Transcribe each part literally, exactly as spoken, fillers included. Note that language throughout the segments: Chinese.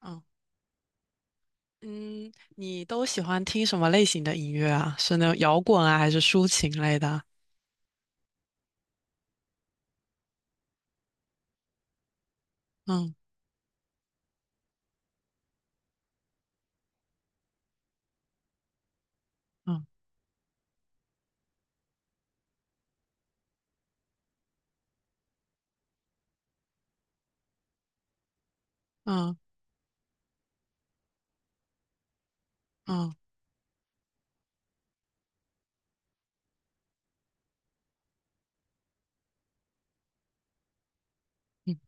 嗯嗯，你都喜欢听什么类型的音乐啊？是那种摇滚啊，还是抒情类的啊？嗯。嗯。嗯。嗯。嗯。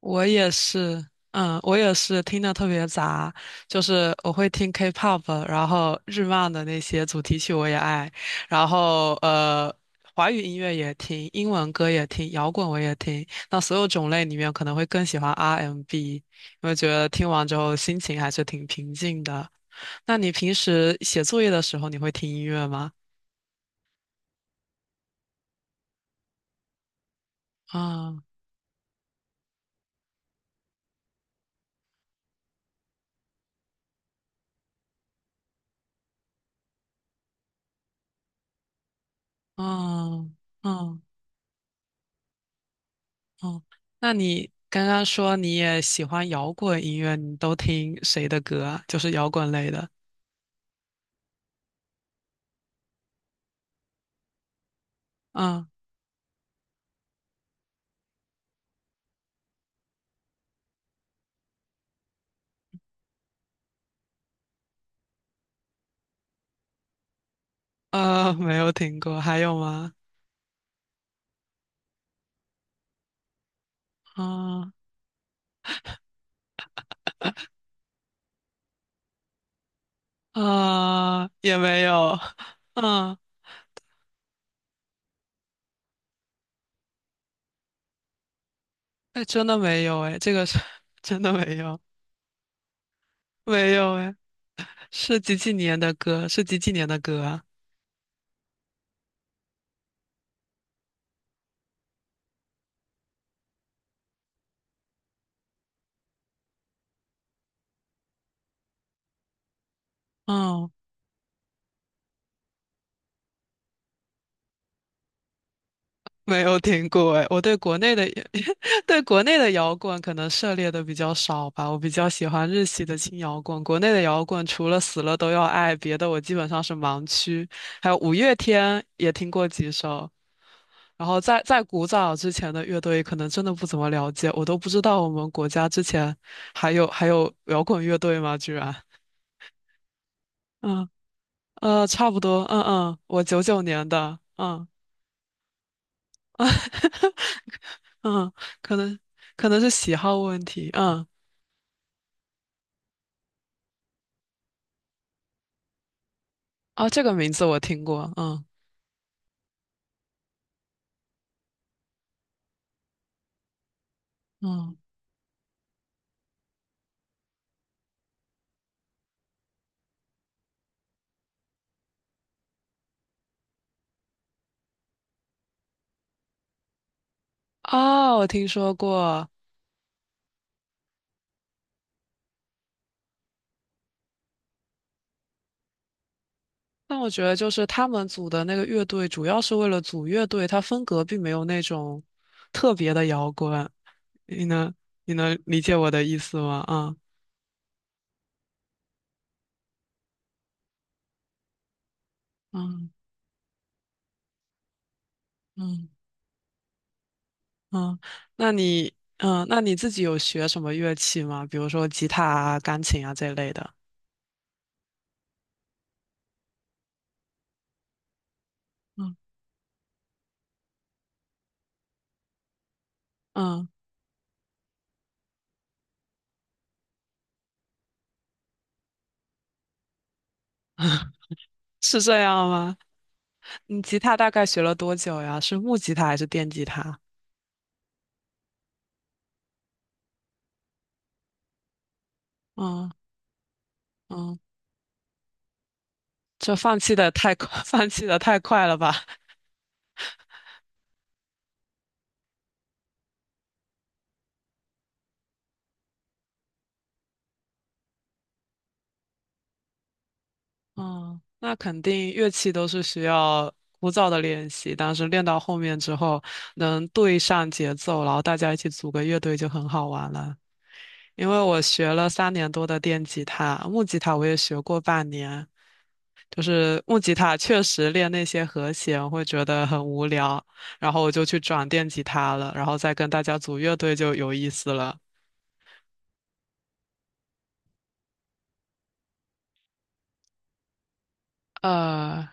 我也是。嗯，我也是听的特别杂，就是我会听 K-pop，然后日漫的那些主题曲我也爱，然后呃，华语音乐也听，英文歌也听，摇滚我也听。那所有种类里面，可能会更喜欢 R and B，m 因为觉得听完之后心情还是挺平静的。那你平时写作业的时候，你会听音乐吗？啊。啊。啊！哦，那你刚刚说你也喜欢摇滚音乐，你都听谁的歌啊？就是摇滚类的。嗯。呃，没有听过，还有吗？啊、啊、也没有。嗯，哎，真的没有哎，这个是 真的没有，没有哎，是几几年的歌？是几几年的歌啊？哦。没有听过哎，我对国内的 对国内的摇滚可能涉猎的比较少吧，我比较喜欢日系的轻摇滚。国内的摇滚除了死了都要爱，别的我基本上是盲区。还有五月天也听过几首，然后在在古早之前的乐队可能真的不怎么了解，我都不知道我们国家之前还有还有摇滚乐队吗？居然。嗯。呃，差不多，嗯嗯，我九九年的，嗯。嗯，可能可能是喜好问题。嗯。哦，这个名字我听过。嗯。嗯。哦，我听说过。但我觉得就是他们组的那个乐队，主要是为了组乐队，它风格并没有那种特别的摇滚。你能你能理解我的意思吗？啊。嗯。嗯。嗯，那你嗯，那你自己有学什么乐器吗？比如说吉他啊、钢琴啊这类的。嗯。嗯，是这样吗？你吉他大概学了多久呀？是木吉他还是电吉他？嗯。嗯，这放弃的太快，放弃的太快了吧？嗯，那肯定乐器都是需要枯燥的练习，但是练到后面之后能对上节奏，然后大家一起组个乐队就很好玩了。因为我学了三年多的电吉他，木吉他我也学过半年，就是木吉他确实练那些和弦会觉得很无聊，然后我就去转电吉他了，然后再跟大家组乐队就有意思了。呃，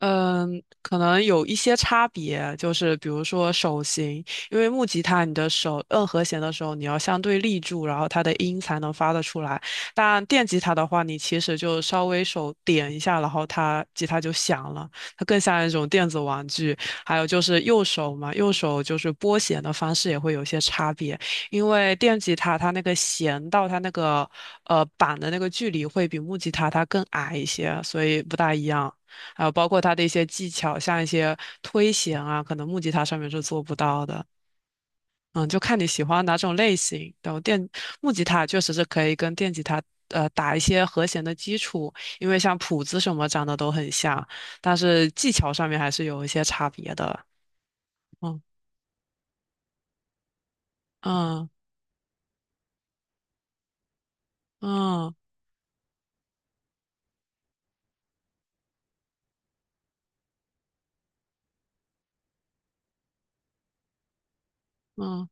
嗯，可能有一些差别，就是比如说手型，因为木吉他你的手摁和弦的时候，你要相对立住，然后它的音才能发得出来。但电吉他的话，你其实就稍微手点一下，然后它吉他就响了，它更像一种电子玩具。还有就是右手嘛，右手就是拨弦的方式也会有些差别，因为电吉他它那个弦到它那个呃板的那个距离会比木吉他它更矮一些，所以不大一样。还有包括它的一些技巧，像一些推弦啊，可能木吉他上面是做不到的。嗯，就看你喜欢哪种类型。然后电木吉他确实是可以跟电吉他呃打一些和弦的基础，因为像谱子什么长得都很像，但是技巧上面还是有一些差别的。嗯。嗯。嗯。嗯。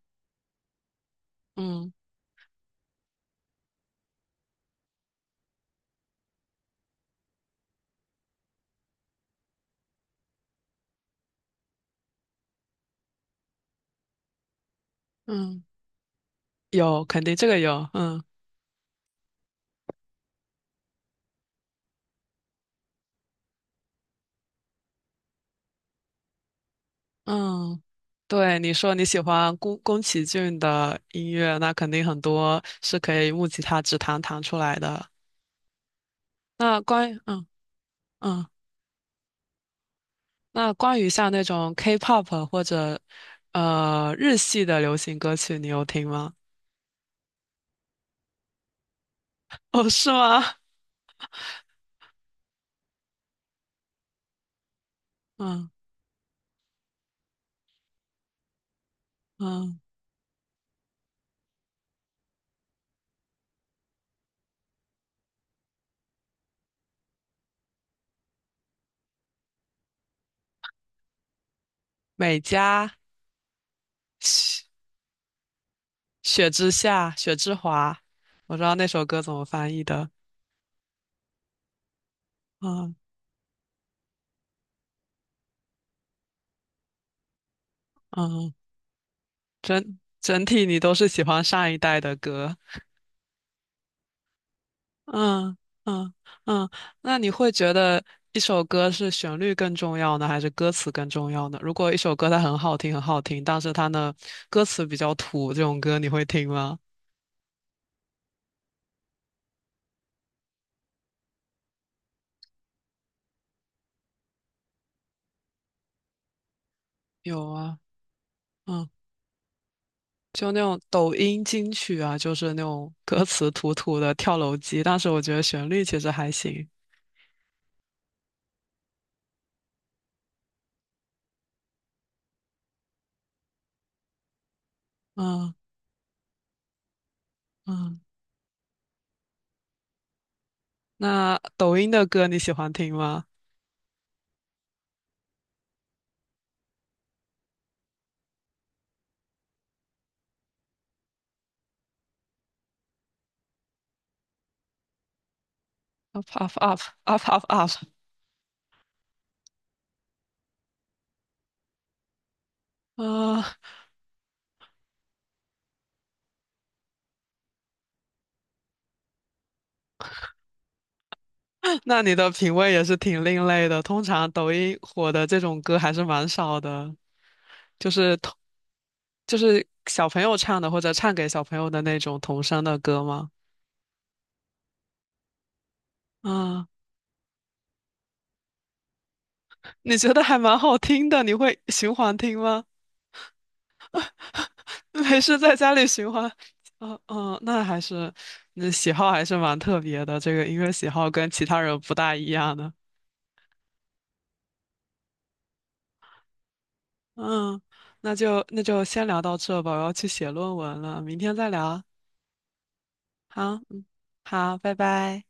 嗯。嗯，有，肯定这个有，嗯。嗯，对，你说你喜欢宫宫崎骏的音乐，那肯定很多是可以木吉他指弹弹出来的。那关于嗯嗯，那关于像那种 K-pop 或者呃日系的流行歌曲，你有听吗？哦，是吗？嗯。嗯，美嘉、雪雪之下、雪之华，我知道那首歌怎么翻译的。嗯。嗯，整整体你都是喜欢上一代的歌。嗯。嗯。嗯，那你会觉得一首歌是旋律更重要呢，还是歌词更重要呢？如果一首歌它很好听，很好听，但是它呢歌词比较土，这种歌你会听吗？有啊。嗯，就那种抖音金曲啊，就是那种 歌词土土的跳楼机，但是我觉得旋律其实还行。嗯。嗯，那抖音的歌你喜欢听吗？Up up up up up up 啊！那你的品味也是挺另类的。通常抖音火的这种歌还是蛮少的，就是童就是小朋友唱的或者唱给小朋友的那种童声的歌吗？啊，你觉得还蛮好听的，你会循环听吗？没事，在家里循环。嗯。嗯，那还是那喜好还是蛮特别的，这个音乐喜好跟其他人不大一样的。嗯，那就那就先聊到这吧，我要去写论文了，明天再聊。好，嗯，好，拜拜。